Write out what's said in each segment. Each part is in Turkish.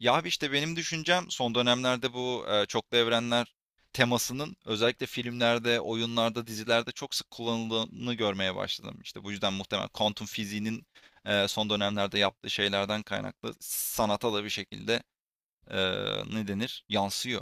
Ya abi, işte benim düşüncem, son dönemlerde bu çoklu evrenler temasının özellikle filmlerde, oyunlarda, dizilerde çok sık kullanıldığını görmeye başladım. İşte bu yüzden muhtemelen kuantum fiziğinin son dönemlerde yaptığı şeylerden kaynaklı sanata da bir şekilde e, ne denir? Yansıyor.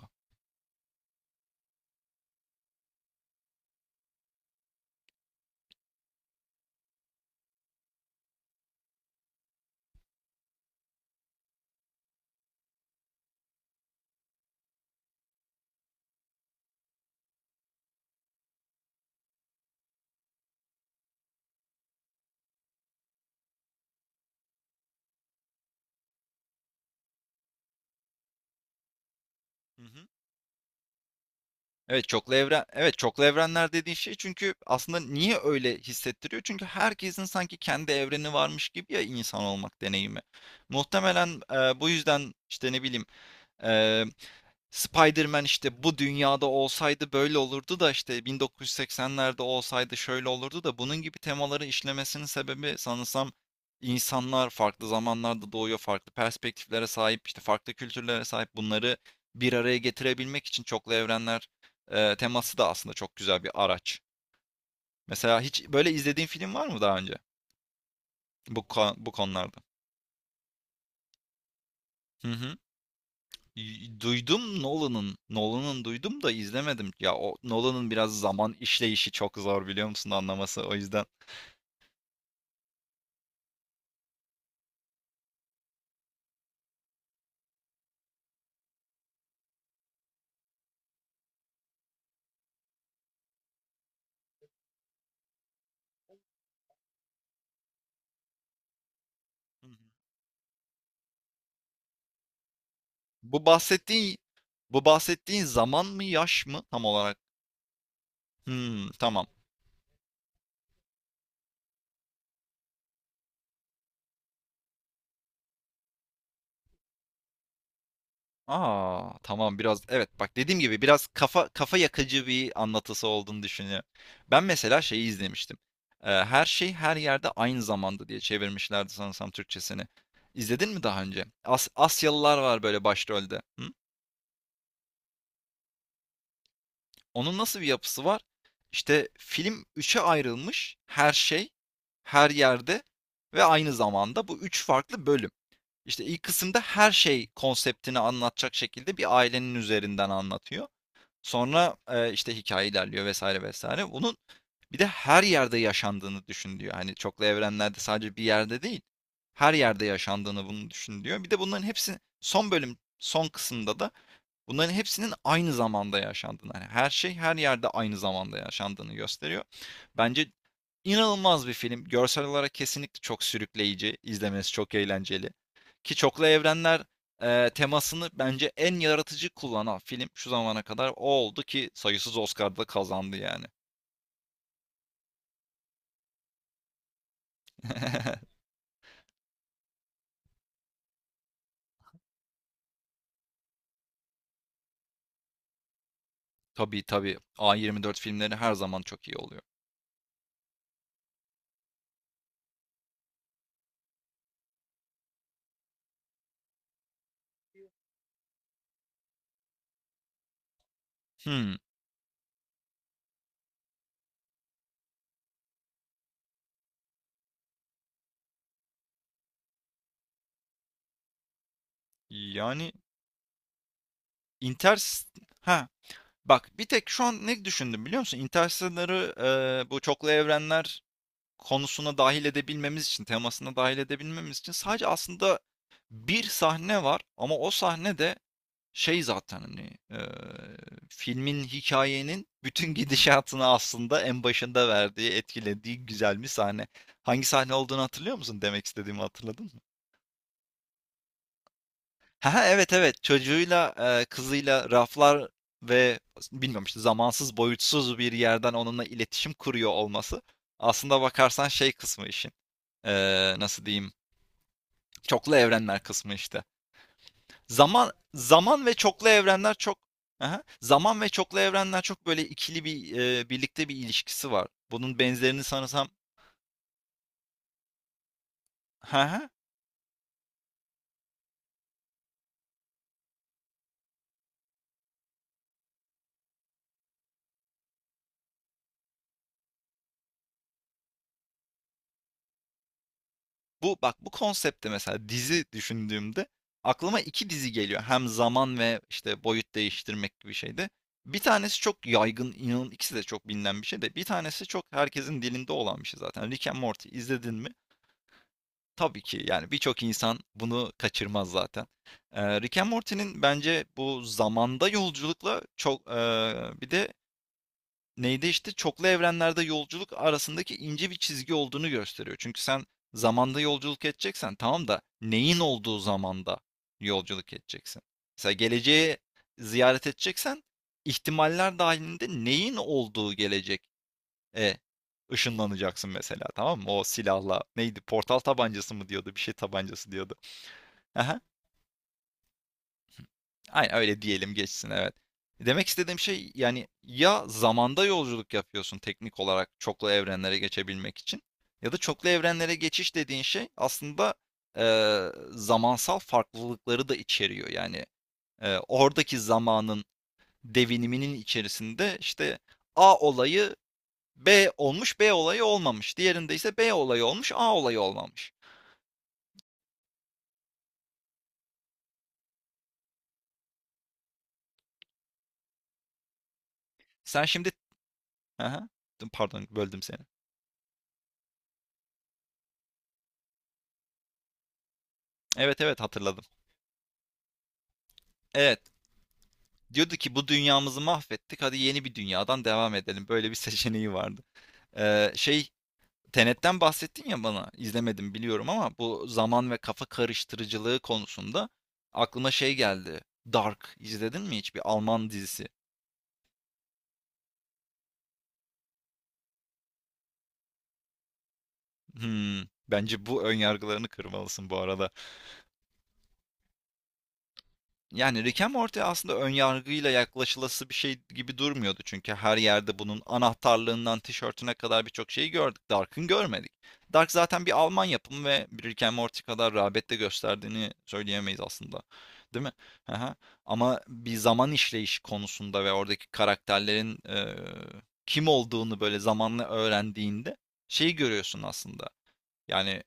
Hı hı. Evet, çoklu evrenler dediğin şey, çünkü aslında niye öyle hissettiriyor? Çünkü herkesin sanki kendi evreni varmış gibi, ya, insan olmak deneyimi. Muhtemelen bu yüzden işte, ne bileyim, Spider-Man işte bu dünyada olsaydı böyle olurdu da, işte 1980'lerde olsaydı şöyle olurdu da, bunun gibi temaları işlemesinin sebebi sanırsam insanlar farklı zamanlarda doğuyor, farklı perspektiflere sahip, işte farklı kültürlere sahip, bunları bir araya getirebilmek için çoklu evrenler teması da aslında çok güzel bir araç. Mesela hiç böyle izlediğin film var mı daha önce bu konularda? Hı hı. Duydum Nolan'ın. Nolan'ın duydum da izlemedim. Ya, o Nolan'ın biraz zaman işleyişi çok zor, biliyor musun, anlaması, o yüzden. Hı hı. Bu bahsettiğin bu bahsettiğin zaman mı, yaş mı tam olarak? Hmm, tamam. Aa, tamam, biraz, evet, bak, dediğim gibi biraz kafa yakıcı bir anlatısı olduğunu düşünüyorum. Ben mesela şeyi izlemiştim. Her Şey Her Yerde Aynı Zamanda diye çevirmişlerdi sanırsam Türkçesini. İzledin mi daha önce? Asyalılar var böyle başrolde. Hı? Onun nasıl bir yapısı var? İşte film üçe ayrılmış: her şey, her yerde ve aynı zamanda, bu üç farklı bölüm. İşte ilk kısımda her şey konseptini anlatacak şekilde bir ailenin üzerinden anlatıyor. Sonra işte hikaye ilerliyor, vesaire vesaire. Bunun bir de her yerde yaşandığını düşün diyor. Hani çoklu evrenlerde sadece bir yerde değil, her yerde yaşandığını, bunu düşün diyor. Bir de bunların hepsi son bölüm, son kısımda da bunların hepsinin aynı zamanda yaşandığını, hani her şey, her yerde, aynı zamanda yaşandığını gösteriyor. Bence İnanılmaz bir film. Görsel olarak kesinlikle çok sürükleyici, izlemesi çok eğlenceli. Ki çoklu evrenler temasını bence en yaratıcı kullanan film şu zamana kadar o oldu, ki sayısız Oscar'da da kazandı yani. Tabii, tabii. A24 filmleri her zaman çok iyi oluyor. Hmm. Yani Inter... ha, bak, bir tek şu an ne düşündüm biliyor musun? Interstellar'ı bu çoklu evrenler konusuna dahil edebilmemiz için, temasına dahil edebilmemiz için sadece aslında bir sahne var, ama o sahne de şey zaten, hani e, filmin, hikayenin bütün gidişatını aslında en başında verdiği, etkilediği güzel bir sahne. Hangi sahne olduğunu hatırlıyor musun? Demek istediğimi hatırladın mı? Ha, evet, evet, çocuğuyla kızıyla, raflar ve, bilmiyorum, işte zamansız, boyutsuz bir yerden onunla iletişim kuruyor olması. Aslında bakarsan şey kısmı işin. E, nasıl diyeyim? Çoklu evrenler kısmı işte. Zaman zaman ve çoklu evrenler çok Hı Zaman ve çoklu evrenler çok böyle ikili bir, birlikte bir ilişkisi var. Bunun benzerini sanırsam. Hı Bu bak, bu konsepte mesela dizi düşündüğümde aklıma 2 dizi geliyor. Hem zaman ve, işte, boyut değiştirmek gibi şeyde. Bir tanesi çok yaygın, inan ikisi de çok bilinen bir şey, de bir tanesi çok herkesin dilinde olan bir şey zaten. Rick and Morty izledin mi? Tabii ki, yani birçok insan bunu kaçırmaz zaten. Rick and Morty'nin bence bu zamanda yolculukla çok, bir de neydi, işte çoklu evrenlerde yolculuk arasındaki ince bir çizgi olduğunu gösteriyor. Çünkü sen zamanda yolculuk edeceksen, tamam da, neyin olduğu zamanda yolculuk edeceksin? Mesela geleceği ziyaret edeceksen, ihtimaller dahilinde neyin olduğu gelecek. Eee, ışınlanacaksın mesela, tamam mı? O silahla, neydi, portal tabancası mı diyordu, bir şey tabancası diyordu. Hı Aynen öyle diyelim, geçsin, evet. Demek istediğim şey, yani ya zamanda yolculuk yapıyorsun teknik olarak çoklu evrenlere geçebilmek için, ya da çoklu evrenlere geçiş dediğin şey aslında zamansal farklılıkları da içeriyor. Yani oradaki zamanın deviniminin içerisinde, işte A olayı, B olmuş, B olayı olmamış. Diğerinde ise B olayı olmuş, A olayı olmamış. Sen şimdi... Aha. Pardon, böldüm seni. Evet, evet, hatırladım. Evet. Diyordu ki, bu dünyamızı mahvettik, hadi yeni bir dünyadan devam edelim. Böyle bir seçeneği vardı. Şey, Tenet'ten bahsettin ya bana. İzlemedim biliyorum, ama bu zaman ve kafa karıştırıcılığı konusunda aklıma şey geldi. Dark izledin mi hiç? Bir Alman dizisi. Hmm, bence bu ön yargılarını kırmalısın bu arada. Yani Rick and Morty aslında önyargıyla yaklaşılası bir şey gibi durmuyordu. Çünkü her yerde bunun anahtarlığından tişörtüne kadar birçok şeyi gördük. Dark'ın görmedik. Dark zaten bir Alman yapımı ve bir Rick and Morty kadar rağbet de gösterdiğini söyleyemeyiz aslında. Değil mi? Aha. Ama bir zaman işleyişi konusunda ve oradaki karakterlerin kim olduğunu böyle zamanla öğrendiğinde şeyi görüyorsun aslında. Yani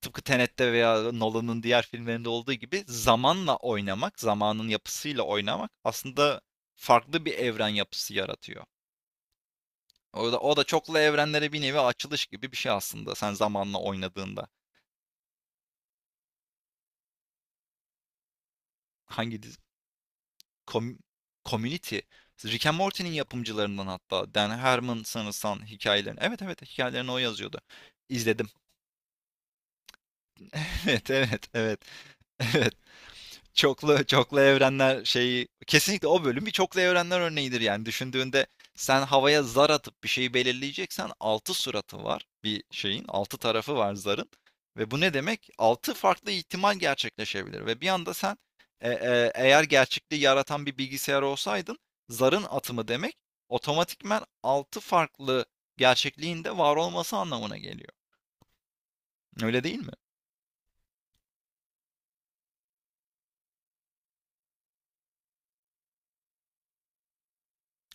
tıpkı Tenet'te veya Nolan'ın diğer filmlerinde olduğu gibi, zamanla oynamak, zamanın yapısıyla oynamak aslında farklı bir evren yapısı yaratıyor. O da çoklu evrenlere bir nevi açılış gibi bir şey aslında, sen zamanla oynadığında. Hangi dizi? Com- Community. Rick and Morty'nin yapımcılarından, hatta Dan Harmon sanırsam hikayelerini. Evet, evet, hikayelerini o yazıyordu. İzledim. Evet, evet, evet. Evet. Çoklu evrenler şeyi, kesinlikle o bölüm bir çoklu evrenler örneğidir yani. Düşündüğünde, sen havaya zar atıp bir şeyi belirleyeceksen, 6 suratı var bir şeyin, 6 tarafı var zarın. Ve bu ne demek? Altı farklı ihtimal gerçekleşebilir ve bir anda sen, eğer gerçekliği yaratan bir bilgisayar olsaydın, zarın atımı demek otomatikman 6 farklı gerçekliğin de var olması anlamına geliyor. Öyle değil mi?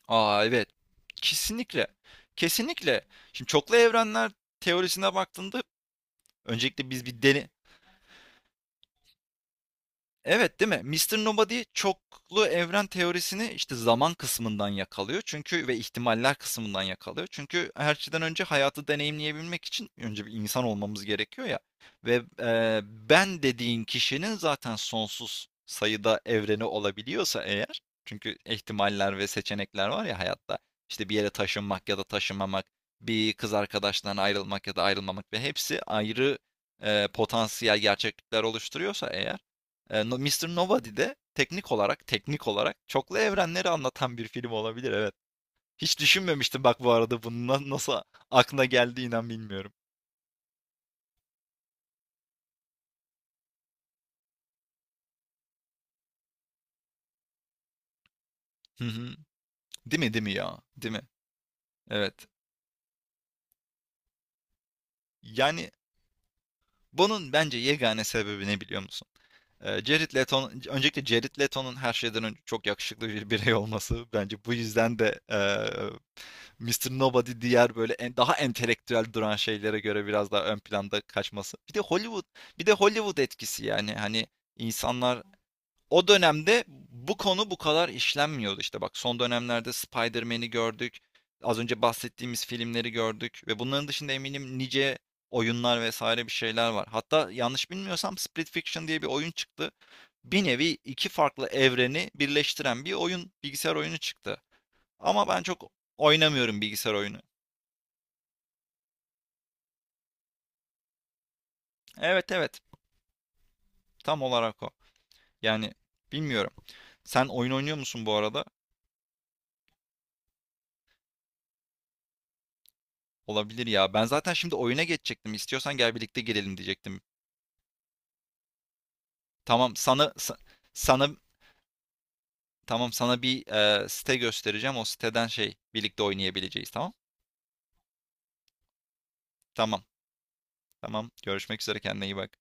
Aa, evet. Kesinlikle. Kesinlikle. Şimdi çoklu evrenler teorisine baktığında öncelikle evet, değil mi? Mister Nobody çoklu evren teorisini, işte zaman kısmından yakalıyor çünkü, ve ihtimaller kısmından yakalıyor. Çünkü her şeyden önce hayatı deneyimleyebilmek için önce bir insan olmamız gerekiyor ya ve, ben dediğin kişinin zaten sonsuz sayıda evreni olabiliyorsa eğer, çünkü ihtimaller ve seçenekler var ya hayatta, işte bir yere taşınmak ya da taşınmamak, bir kız arkadaştan ayrılmak ya da ayrılmamak ve hepsi ayrı, potansiyel gerçeklikler oluşturuyorsa eğer, Mr. Nobody de teknik olarak çoklu evrenleri anlatan bir film olabilir, evet. Hiç düşünmemiştim bak, bu arada bunun nasıl aklına geldi, inan bilmiyorum. Hı hı. Değil mi, değil mi ya? Değil mi? Evet. Yani bunun bence yegane sebebi ne biliyor musun? Jared Leto, öncelikle Jared Leto'nun her şeyden önce çok yakışıklı bir birey olması, bence bu yüzden de Mr. Nobody diğer böyle, en daha entelektüel duran şeylere göre biraz daha ön planda kaçması. Bir de Hollywood etkisi, yani hani insanlar o dönemde bu konu bu kadar işlenmiyordu, işte bak, son dönemlerde Spider-Man'i gördük. Az önce bahsettiğimiz filmleri gördük ve bunların dışında eminim nice oyunlar, vesaire, bir şeyler var. Hatta yanlış bilmiyorsam Split Fiction diye bir oyun çıktı. Bir nevi iki farklı evreni birleştiren bir oyun, bilgisayar oyunu çıktı. Ama ben çok oynamıyorum bilgisayar oyunu. Evet, evet. Tam olarak o. Yani bilmiyorum. Sen oyun oynuyor musun bu arada? Olabilir ya. Ben zaten şimdi oyuna geçecektim. İstiyorsan gel birlikte girelim diyecektim. Tamam sana sa- sana tamam, sana bir site göstereceğim. O siteden şey birlikte oynayabileceğiz, tamam? Tamam. Tamam. Görüşmek üzere, kendine iyi bak.